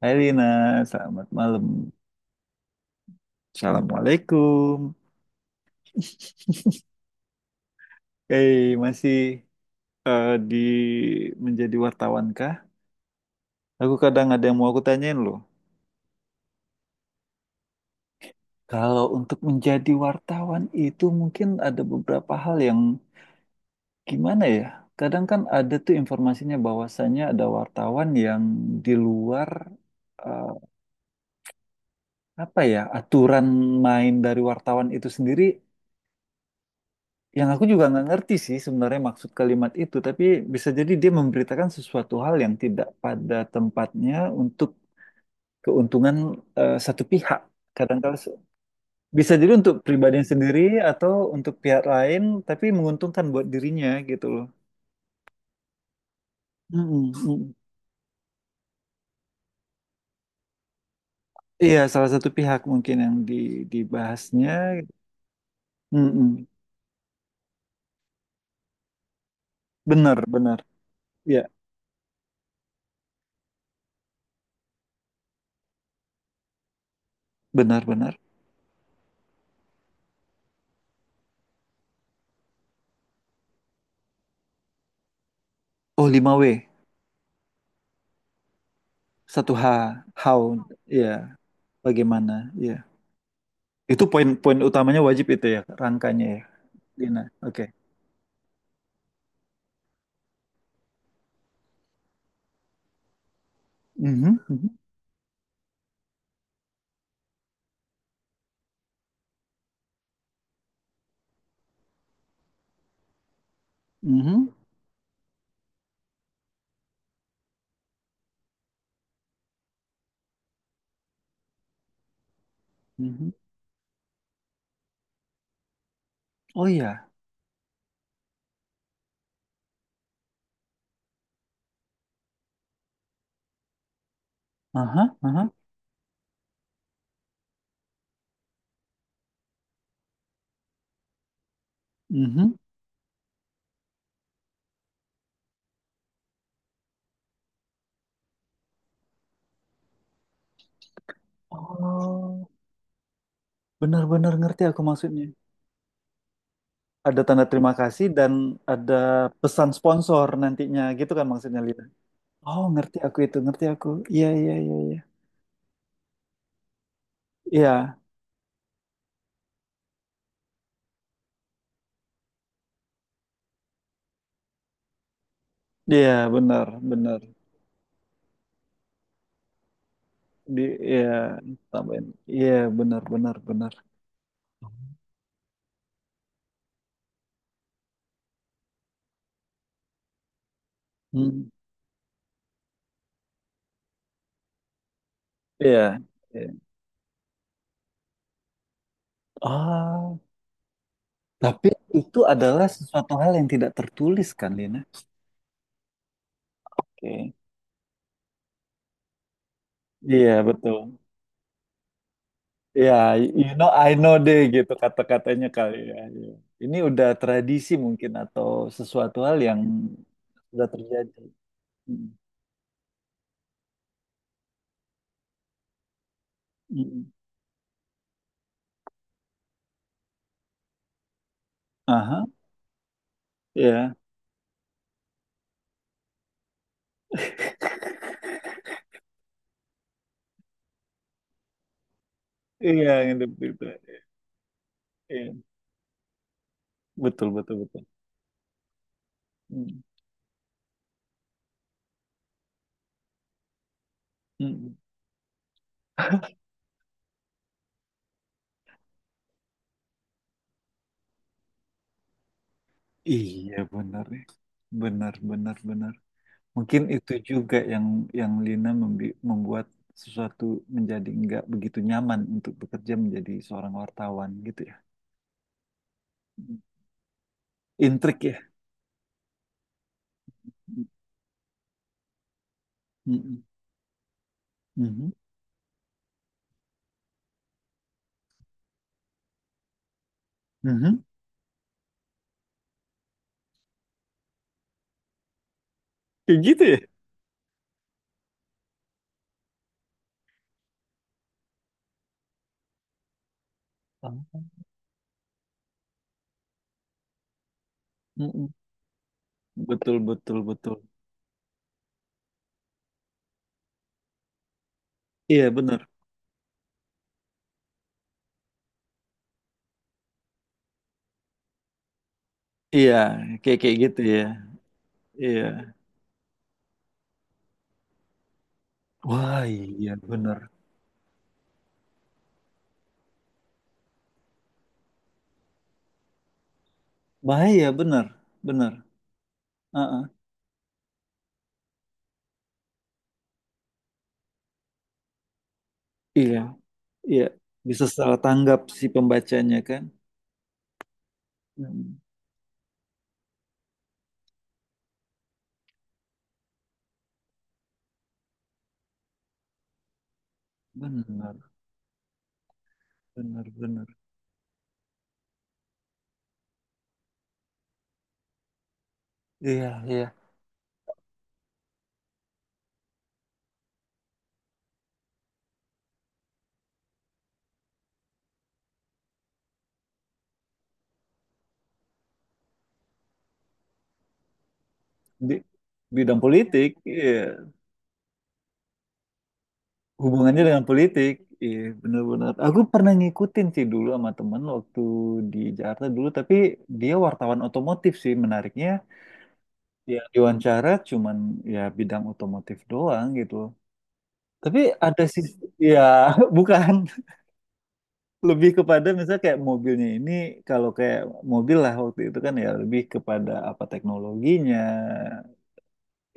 Hai Lina, selamat malam. Assalamualaikum. Masih di menjadi wartawan kah? Aku kadang ada yang mau aku tanyain loh. Kalau untuk menjadi wartawan itu mungkin ada beberapa hal yang gimana ya? Kadang kan ada tuh informasinya bahwasannya ada wartawan yang di luar, eh, apa ya, aturan main dari wartawan itu sendiri, yang aku juga nggak ngerti sih sebenarnya maksud kalimat itu, tapi bisa jadi dia memberitakan sesuatu hal yang tidak pada tempatnya untuk keuntungan satu pihak. Kadang-kadang se- bisa jadi untuk pribadi sendiri atau untuk pihak lain, tapi menguntungkan buat dirinya gitu loh. Mm-mm, mm. Iya, salah satu pihak mungkin yang di, dibahasnya. Mm-mm. Benar, benar. Iya, benar, benar. Oh, lima w satu H, how, ya, bagaimana, ya. Itu poin-poin utamanya wajib itu ya, rangkanya ya. Dina. Oke. Mhm, mhm, mhm, mhm. Oh iya. Aha, aha. Mhm. Oh, benar-benar ngerti aku maksudnya. Ada tanda terima kasih dan ada pesan sponsor nantinya gitu kan maksudnya Lina. Oh, ngerti aku itu, ngerti aku. Iya, iya, iya, iya. Iya, iya, benar, benar. Di iya, tambahin. Iya, benar, benar, benar. Hmm. Iya. Iya. Ah, tapi itu adalah sesuatu hal yang tidak tertulis kan, Lina? Oke. Iya, betul. Ya, you know, I know deh gitu kata-katanya kali ya. Iya. Ini udah tradisi mungkin atau sesuatu hal yang sudah terjadi. Mm. Mm. Aha, ya. Iya, yang gitu. Iya. Betul, betul, betul. Mm. Mm. Iya, benar. Ya. Benar, benar, benar. Mungkin itu juga yang Lina membuat sesuatu menjadi nggak begitu nyaman untuk bekerja menjadi seorang wartawan gitu ya. Intrik ya. Mm-mm. Mhm. Mhm. Kayak gitu ya. Oh. Mm-mm. Betul, betul, betul. Iya, benar. Iya, kayak kayak gitu ya. Iya. Wah, iya benar. Bahaya benar, benar. Heeh. Iya, iya. Bisa salah tanggap si pembacanya kan? Mm. Benar, benar, benar. Iya, iya. Di bidang politik, iya, hubungannya dengan politik. Iya, benar-benar. Aku pernah ngikutin sih dulu sama temen waktu di Jakarta dulu, tapi dia wartawan otomotif sih, menariknya, ya, diwawancara, cuman ya bidang otomotif doang gitu. Tapi ada sih, ya, bukan, lebih kepada misalnya kayak mobilnya ini, kalau kayak mobil lah waktu itu kan ya, lebih kepada apa, teknologinya,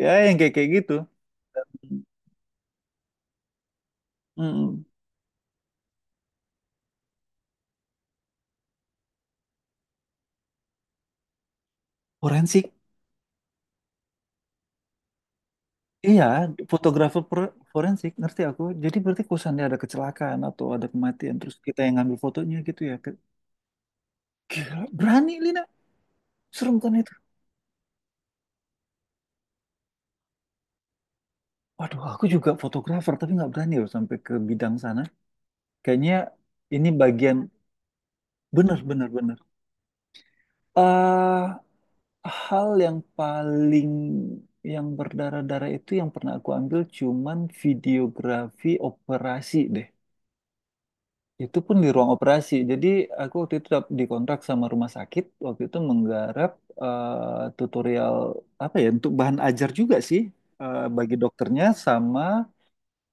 ya, yang kayak kayak gitu. Mm-mm. Forensik. Iya, forensik, ngerti aku. Jadi berarti kalau seandainya ada kecelakaan atau ada kematian, terus kita yang ngambil fotonya gitu ya. Ke- gila, berani Lina, serem kan itu. Waduh, aku juga fotografer, tapi nggak berani loh sampai ke bidang sana. Kayaknya ini bagian benar-benar-benar. Bener. Hal yang paling yang berdarah-darah itu yang pernah aku ambil cuman videografi operasi deh. Itu pun di ruang operasi. Jadi aku waktu itu dikontrak sama rumah sakit. Waktu itu menggarap tutorial apa ya, untuk bahan ajar juga sih bagi dokternya sama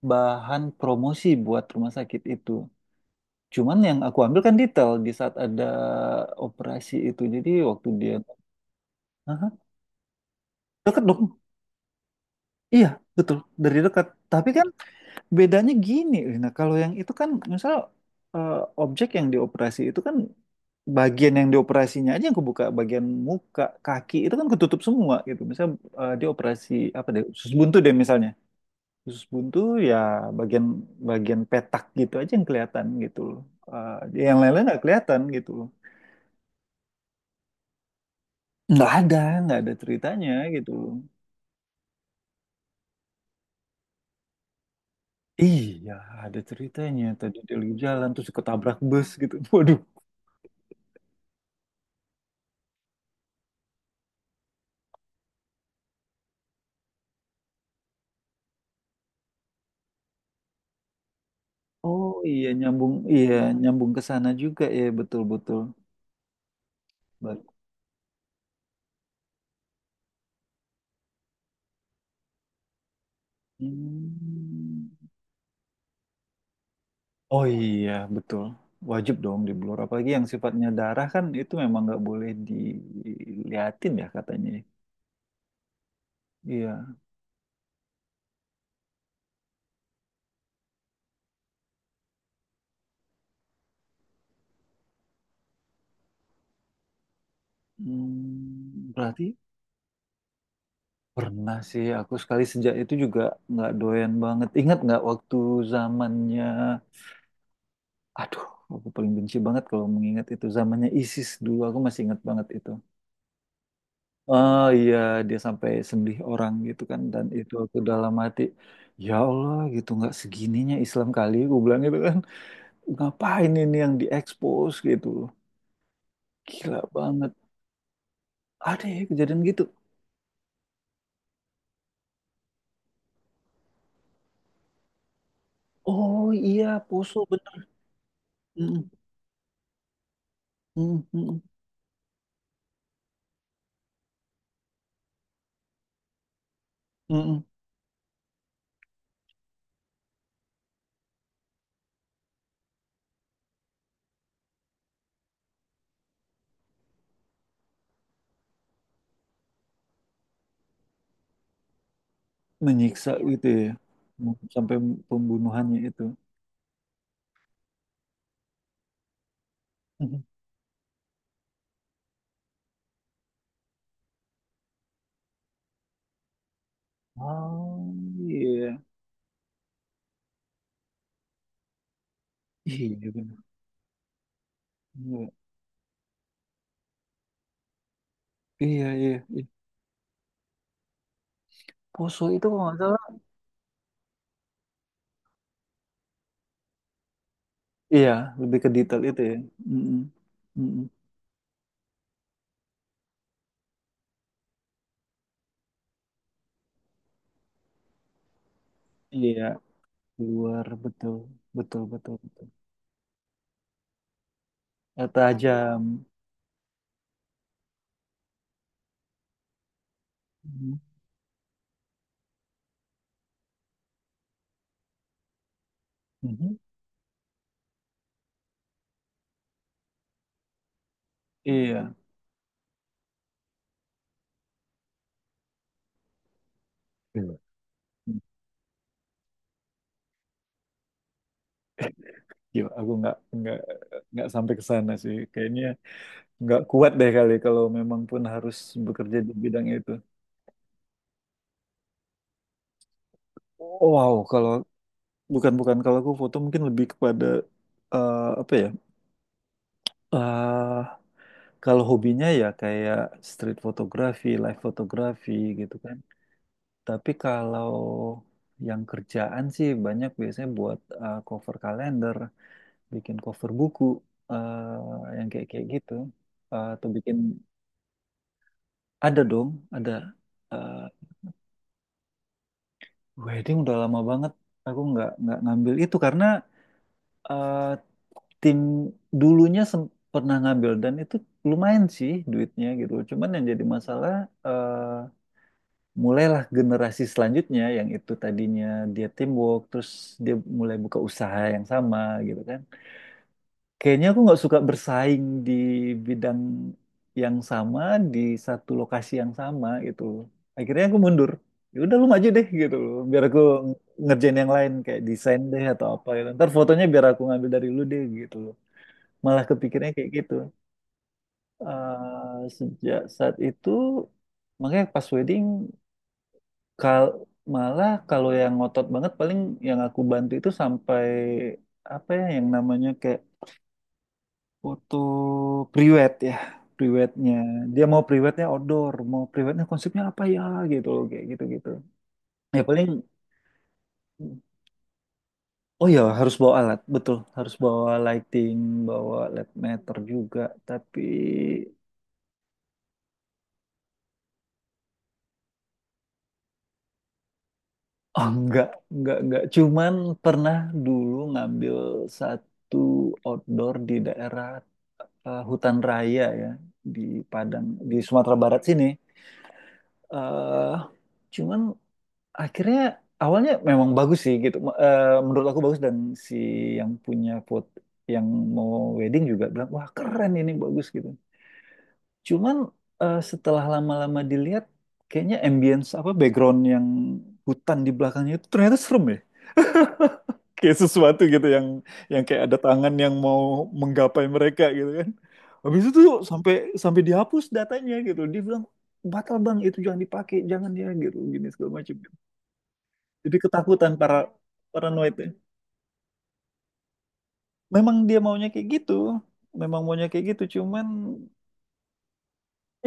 bahan promosi buat rumah sakit itu. Cuman yang aku ambil kan detail di saat ada operasi itu. Jadi waktu dia... Hah? Dekat dong. Iya betul, dari dekat. Tapi kan bedanya gini, Lina, kalau yang itu kan misal eh, objek yang dioperasi itu kan bagian yang dioperasinya aja yang kebuka, bagian muka, kaki itu kan ketutup semua gitu. Misal dia operasi apa deh, usus buntu deh misalnya. Usus buntu, ya, bagian bagian petak gitu aja yang kelihatan gitu loh. Yang lain-lain nggak kelihatan gitu loh. Nggak ada, nggak ada ceritanya gitu loh. Iya, ada ceritanya. Tadi dia lagi jalan terus ketabrak bus gitu. Waduh. Oh iya, nyambung, iya, nyambung ke sana juga ya, betul betul. Bat- hmm. Oh iya betul, wajib dong di blur apalagi yang sifatnya darah kan, itu memang nggak boleh diliatin ya katanya. Ya. Iya. Hmm, berarti pernah sih aku sekali, sejak itu juga nggak doyan banget. Ingat nggak waktu zamannya, aduh, aku paling benci banget kalau mengingat itu zamannya ISIS, dulu aku masih ingat banget itu. Oh iya, dia sampai sembelih orang gitu kan, dan itu aku dalam hati, ya Allah, gitu nggak segininya Islam kali aku bilang gitu kan. Ngapain ini yang diekspos gitu loh. Gila banget. Ada ya kejadian gitu. Oh iya, Poso bener. Mm, mm, mm, mm, mm. Menyiksa gitu ya. Mm, sampai pembunuhannya itu. Mhm. Oh iya. Iya bener. Iya, iya, iya. Iya. Poso itu kalau nggak salah... Iya, lebih ke detail itu ya. Mm-mm. Mm-mm. Iya, luar, betul, betul, betul, betul. Tajam. Mhm. Mhm. Iya. Iya. Gila, aku nggak sampai ke sana sih. Kayaknya nggak kuat deh kali kalau memang pun harus bekerja di bidang itu. Wow, kalau bukan bukan, kalau aku foto mungkin lebih kepada apa ya? eh Kalau hobinya ya kayak street photography, live photography gitu kan. Tapi kalau yang kerjaan sih banyak, biasanya buat cover kalender, bikin cover buku, yang kayak kayak gitu. Atau bikin ada dong, ada eh, wedding udah lama banget. Aku nggak ngambil itu karena eh, tim dulunya pernah ngambil dan itu lumayan sih duitnya gitu. Cuman yang jadi masalah, eh, mulailah generasi selanjutnya yang itu tadinya dia teamwork, terus dia mulai buka usaha yang sama gitu kan. Kayaknya aku nggak suka bersaing di bidang yang sama di satu lokasi yang sama gitu loh. Akhirnya aku mundur, ya udah lu maju deh gitu loh, biar aku ngerjain yang lain kayak desain deh atau apa gitu, ntar fotonya biar aku ngambil dari lu deh gitu loh, malah kepikirnya kayak gitu. Sejak saat itu makanya pas wedding, Kal, malah kalau yang ngotot banget paling yang aku bantu itu sampai apa ya yang namanya kayak foto priwet ya, priwetnya dia mau priwetnya outdoor, mau priwetnya konsepnya apa ya gitu loh, kayak gitu gitu. Ya paling, oh ya harus bawa alat, betul, harus bawa lighting, bawa led meter juga. Tapi oh, enggak, cuman pernah dulu ngambil satu outdoor di daerah hutan raya ya, di Padang, di Sumatera Barat sini. eh Cuman akhirnya, awalnya memang bagus sih gitu. Menurut aku bagus dan si yang punya foto yang mau wedding juga bilang wah keren ini bagus gitu. Cuman setelah lama-lama dilihat, kayaknya ambience apa background yang hutan di belakangnya itu ternyata serem ya, kayak sesuatu gitu yang kayak ada tangan yang mau menggapai mereka gitu kan. Habis itu tuh sampai sampai dihapus datanya gitu. Dia bilang batal bang, itu jangan dipakai, jangan ya, gitu gini segala macam. Jadi ketakutan, para paranoidnya. Memang dia maunya kayak gitu. Memang maunya kayak gitu, cuman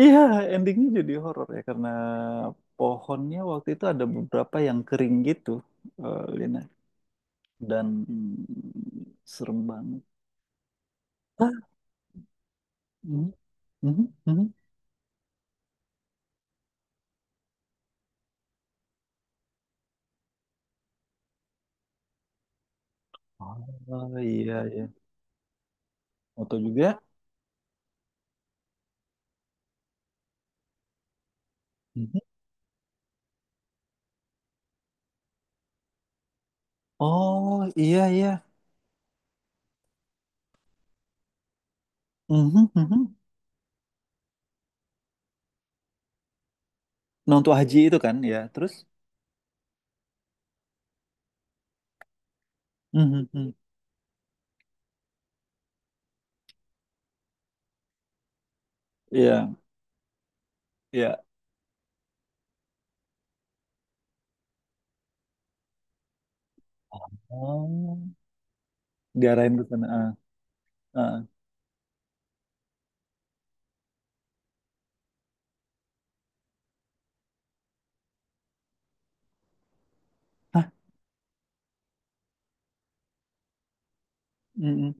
iya endingnya jadi horor ya, karena pohonnya waktu itu ada beberapa yang kering gitu, Lina, dan mm, serem banget. Ah, mhm, mhm, mhm. Oh iya iya. Moto juga. Mhm. Oh iya iya. Mhm, mhm. Nonton haji itu kan ya. Terus? Mhm, mhm. Iya iya. Oh diarahin ke sana. Ah, ah. Hah? Mhm.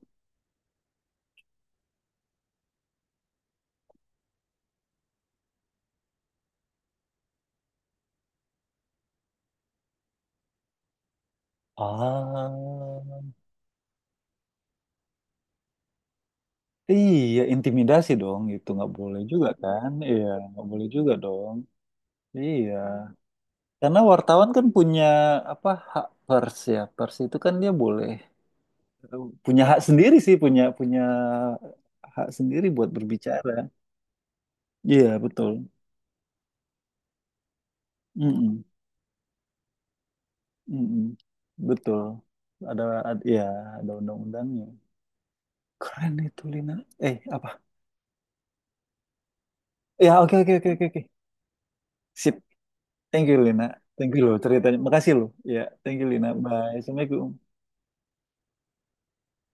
Ah iya, intimidasi dong, itu nggak boleh juga kan? Iya, nggak boleh juga dong. Iya. Karena wartawan kan punya apa, hak pers ya. Pers itu kan dia boleh punya hak sendiri sih, punya punya hak sendiri buat berbicara, iya betul. Mm-mm. Mm-mm. Betul, ada, ad- ya, ada undang-undangnya, keren itu Lina. Apa ya, oke oke oke oke oke, sip. Thank you Lina, thank you lo ceritanya, makasih lo ya, thank you Lina, bye, assalamualaikum.